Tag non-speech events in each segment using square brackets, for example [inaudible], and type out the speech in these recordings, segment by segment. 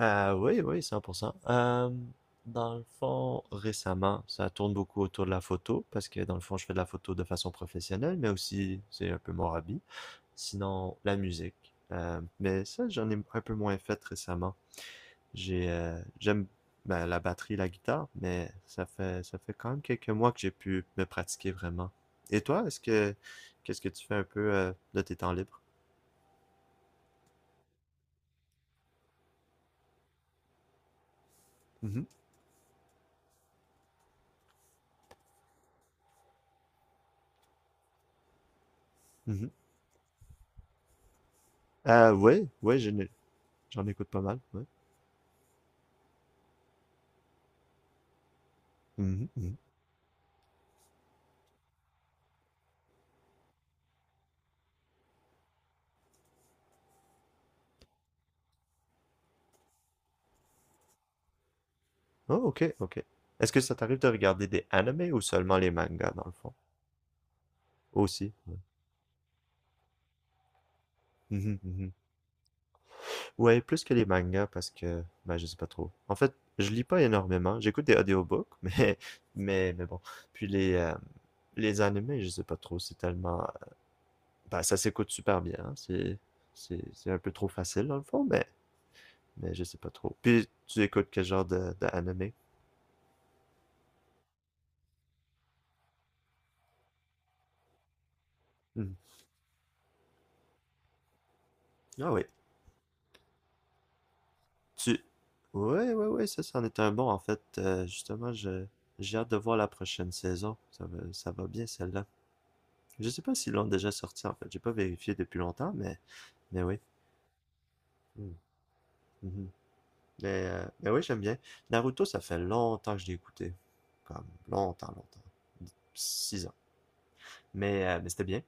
Oui, oui, 100%. Dans le fond, récemment, ça tourne beaucoup autour de la photo, parce que dans le fond, je fais de la photo de façon professionnelle, mais aussi, c'est un peu mon hobby. Sinon, la musique. Mais ça, j'en ai un peu moins fait récemment. J'aime ben, la batterie, la guitare, mais ça fait quand même quelques mois que j'ai pu me pratiquer vraiment. Et toi, qu'est-ce que tu fais un peu de tes temps libres? Mhm, mhm. Oui, oui, j'en écoute pas mal, oui. Oh, ok, ok. Est-ce que ça t'arrive de regarder des animés ou seulement les mangas, dans le fond? Aussi, ouais. [laughs] Ouais, plus que les mangas parce que, ben, je sais pas trop. En fait, je lis pas énormément. J'écoute des audiobooks, [laughs] mais bon. Puis les, euh, les animés, je sais pas trop. C'est tellement, ben, ça s'écoute super bien, hein. C'est un peu trop facile, dans le fond, mais je sais pas trop. Puis, tu écoutes quel genre de animé? Mhm. Ah oui. Tu... Ouais, ouais, ouais, ça, c'en est un bon, en fait. Justement, je... j'ai hâte de voir la prochaine saison. Ça va bien, celle-là. Je sais pas s'ils l'ont déjà sorti, en fait. J'ai pas vérifié depuis longtemps, mais oui. Mm. Mhm. Mais oui, j'aime bien. Naruto, ça fait longtemps que je l'ai écouté. Comme longtemps, longtemps. 6 ans. Mais c'était bien.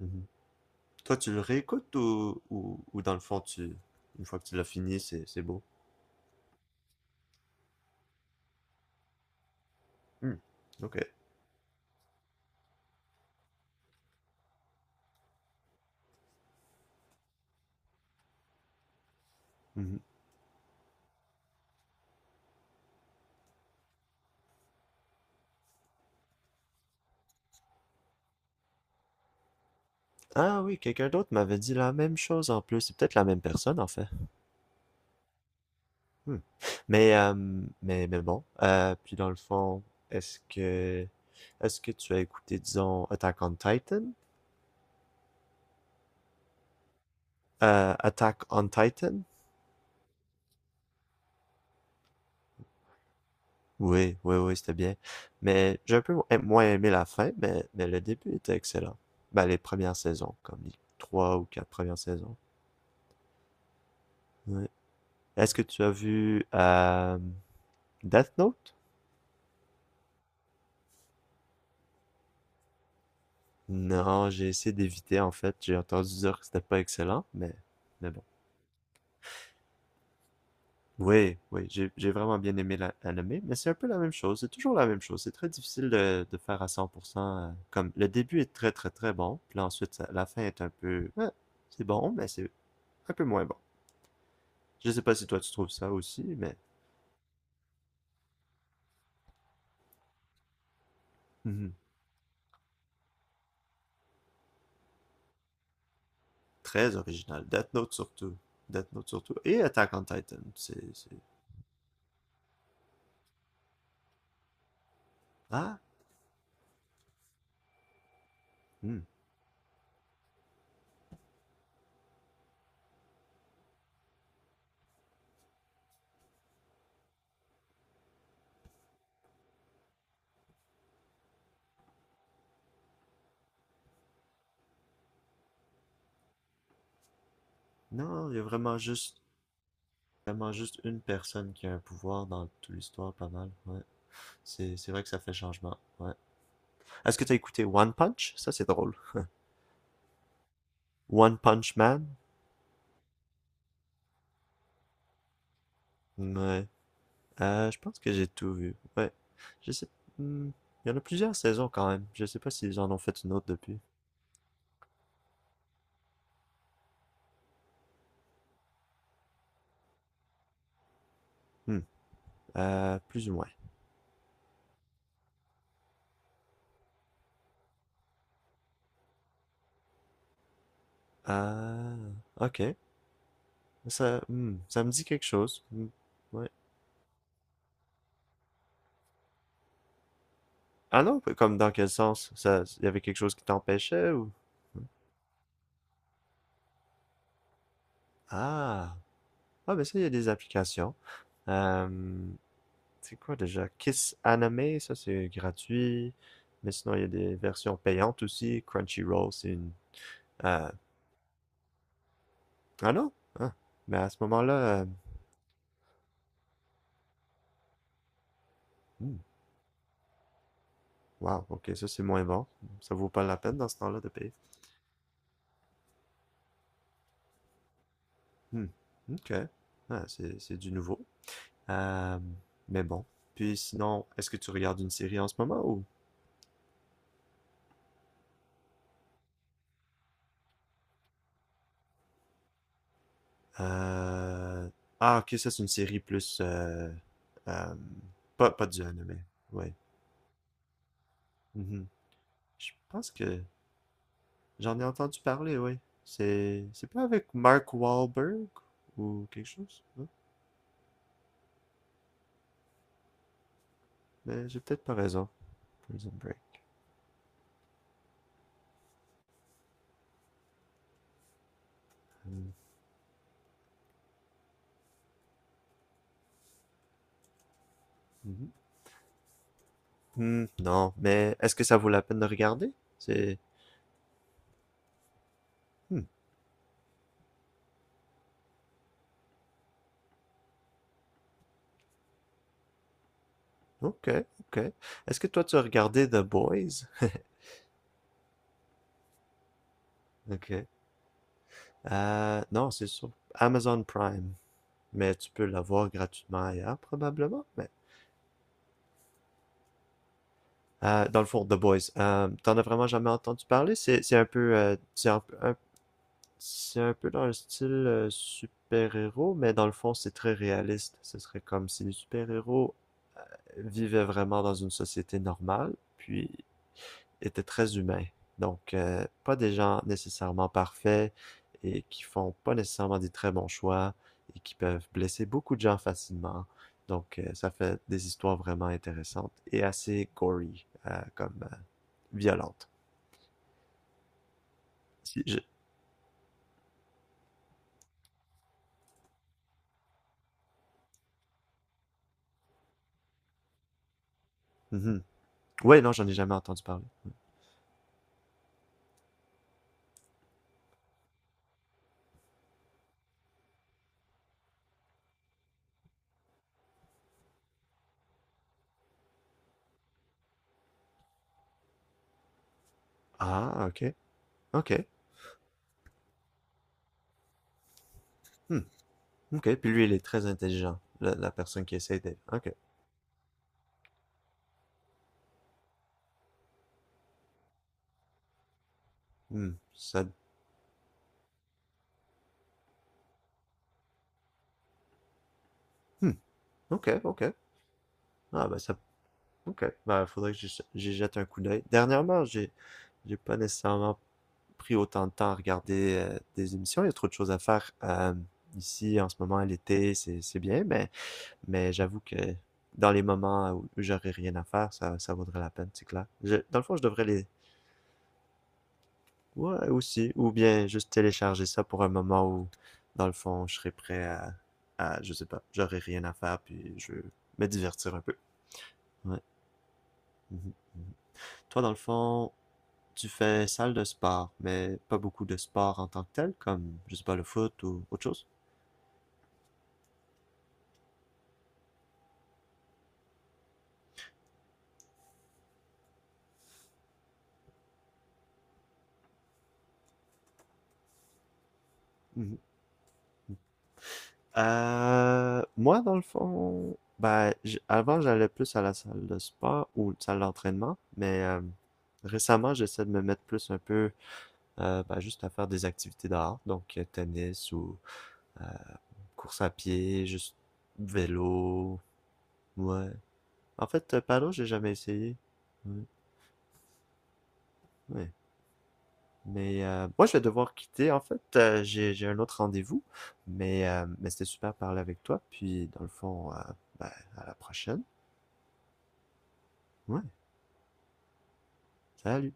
Mhm. Toi, tu le réécoutes ou, ou dans le fond, tu, une fois que tu l'as fini, c'est beau? Mm. Ok. Mhm. Ah oui, quelqu'un d'autre m'avait dit la même chose en plus. C'est peut-être la même personne en fait. Hmm. Mais, mais bon. Puis dans le fond, est-ce que, est-ce que tu as écouté, disons, Attack on Titan? Attack on Titan? Oui, oui, oui, c'était bien. Mais j'ai un peu moins aimé la fin, mais le début était excellent. Ben, les premières saisons, comme les trois ou quatre premières saisons. Ouais. Est-ce que tu as vu Death Note? Non, j'ai essayé d'éviter en fait. J'ai entendu dire que c'était pas excellent, mais bon. Oui, oui, j'ai vraiment bien aimé l'anime, mais c'est un peu la même chose. C'est toujours la même chose. C'est très difficile de faire à 100%, comme le début est très bon, puis là, ensuite la fin est un peu, ouais, c'est bon, mais c'est un peu moins bon. Je sais pas si toi tu trouves ça aussi, mais mhm. Très original. Death Note surtout. Death Note surtout. Et Attack on Titan. C'est... Ah, hmm. Non, il y a vraiment juste une personne qui a un pouvoir dans toute l'histoire, pas mal. Ouais. C'est vrai que ça fait changement. Ouais. Est-ce que t'as écouté One Punch? Ça, c'est drôle. One Punch Man? Ouais. Je pense que j'ai tout vu. Ouais. Je sais. Hmm, il y en a plusieurs saisons quand même. Je sais pas s'ils en ont fait une autre depuis. Hmm. Plus ou moins. Euh, ok. Ça, hmm, ça me dit quelque chose. Hmm. Ouais. Ah non, comme dans quel sens? Ça, il y avait quelque chose qui t'empêchait ou? Hmm. Ah, ah, ben ça, il y a des applications. Euh, c'est quoi déjà? Kiss Anime, ça c'est gratuit. Mais sinon, il y a des versions payantes aussi. Crunchyroll, c'est une... euh, ah non? Ah. Mais à ce moment-là... hmm, wow, ok, ça c'est moins bon. Ça vaut pas la peine dans ce temps-là de payer. Hmm, ok. Ah, c'est du nouveau. Euh, Mais bon. Puis sinon, est-ce que tu regardes une série en ce moment ou... Euh, Ah, ok, ça c'est une série plus... euh, pas, pas du anime, ouais. Mhm. Je pense que j'en ai entendu parler, ouais. C'est pas avec Mark Wahlberg ou quelque chose, non? Mais j'ai peut-être pas raison. Prison Break. Hmm. Mhm. Hmm, non, mais est-ce que ça vaut la peine de regarder? C'est... Hmm, ok, ok. Est-ce que toi tu as regardé The Boys? Ok. Non, c'est sur Amazon Prime, mais tu peux l'avoir gratuitement ailleurs, probablement. Mais, dans le fond, The Boys, t'en as vraiment jamais entendu parler? C'est un peu, c'est c'est un peu dans le style super-héros, mais dans le fond, c'est très réaliste. Ce serait comme si les super-héros vivaient vraiment dans une société normale, puis étaient très humains. Donc, pas des gens nécessairement parfaits et qui font pas nécessairement des très bons choix et qui peuvent blesser beaucoup de gens facilement. Donc, ça fait des histoires vraiment intéressantes et assez gory, comme violentes. Si je... Mhm. Ouais, non, j'en ai jamais entendu parler. Ah, ok, ok. Hmm, ok. Puis lui, il est très intelligent, la personne qui essaie d'aider. Ok, hmm, ça, hmm, ok, ok. Ah, ben, ça ok, ben, faudrait que j'y jette un coup d'œil. Dernièrement, j'ai pas nécessairement pris autant de temps à regarder des émissions. Il y a trop de choses à faire ici en ce moment, à l'été, c'est bien, mais j'avoue que dans les moments où j'aurais rien à faire, ça vaudrait la peine, c'est clair. Je- dans le fond, je devrais les... Ouais, aussi, ou bien juste télécharger ça pour un moment où, dans le fond, je serais prêt à je sais pas, j'aurais rien à faire, puis je veux me divertir un peu. Ouais. Mhm, mhm. Toi, dans le fond, tu fais salle de sport, mais pas beaucoup de sport en tant que tel, comme, je sais pas, le foot ou autre chose. Mhm. Moi, dans le fond, ben, j- avant, j'allais plus à la salle de sport ou salle d'entraînement, mais récemment, j'essaie de me mettre plus un peu, ben, juste à faire des activités dehors, donc tennis ou euh, course à pied, juste vélo, ouais. En fait, paddle, j'ai jamais essayé. Ouais, ouais. Mais moi, je vais devoir quitter, en fait. J'ai un autre rendez-vous. Mais c'était super de parler avec toi. Puis, dans le fond, ben, à la prochaine. Ouais, salut.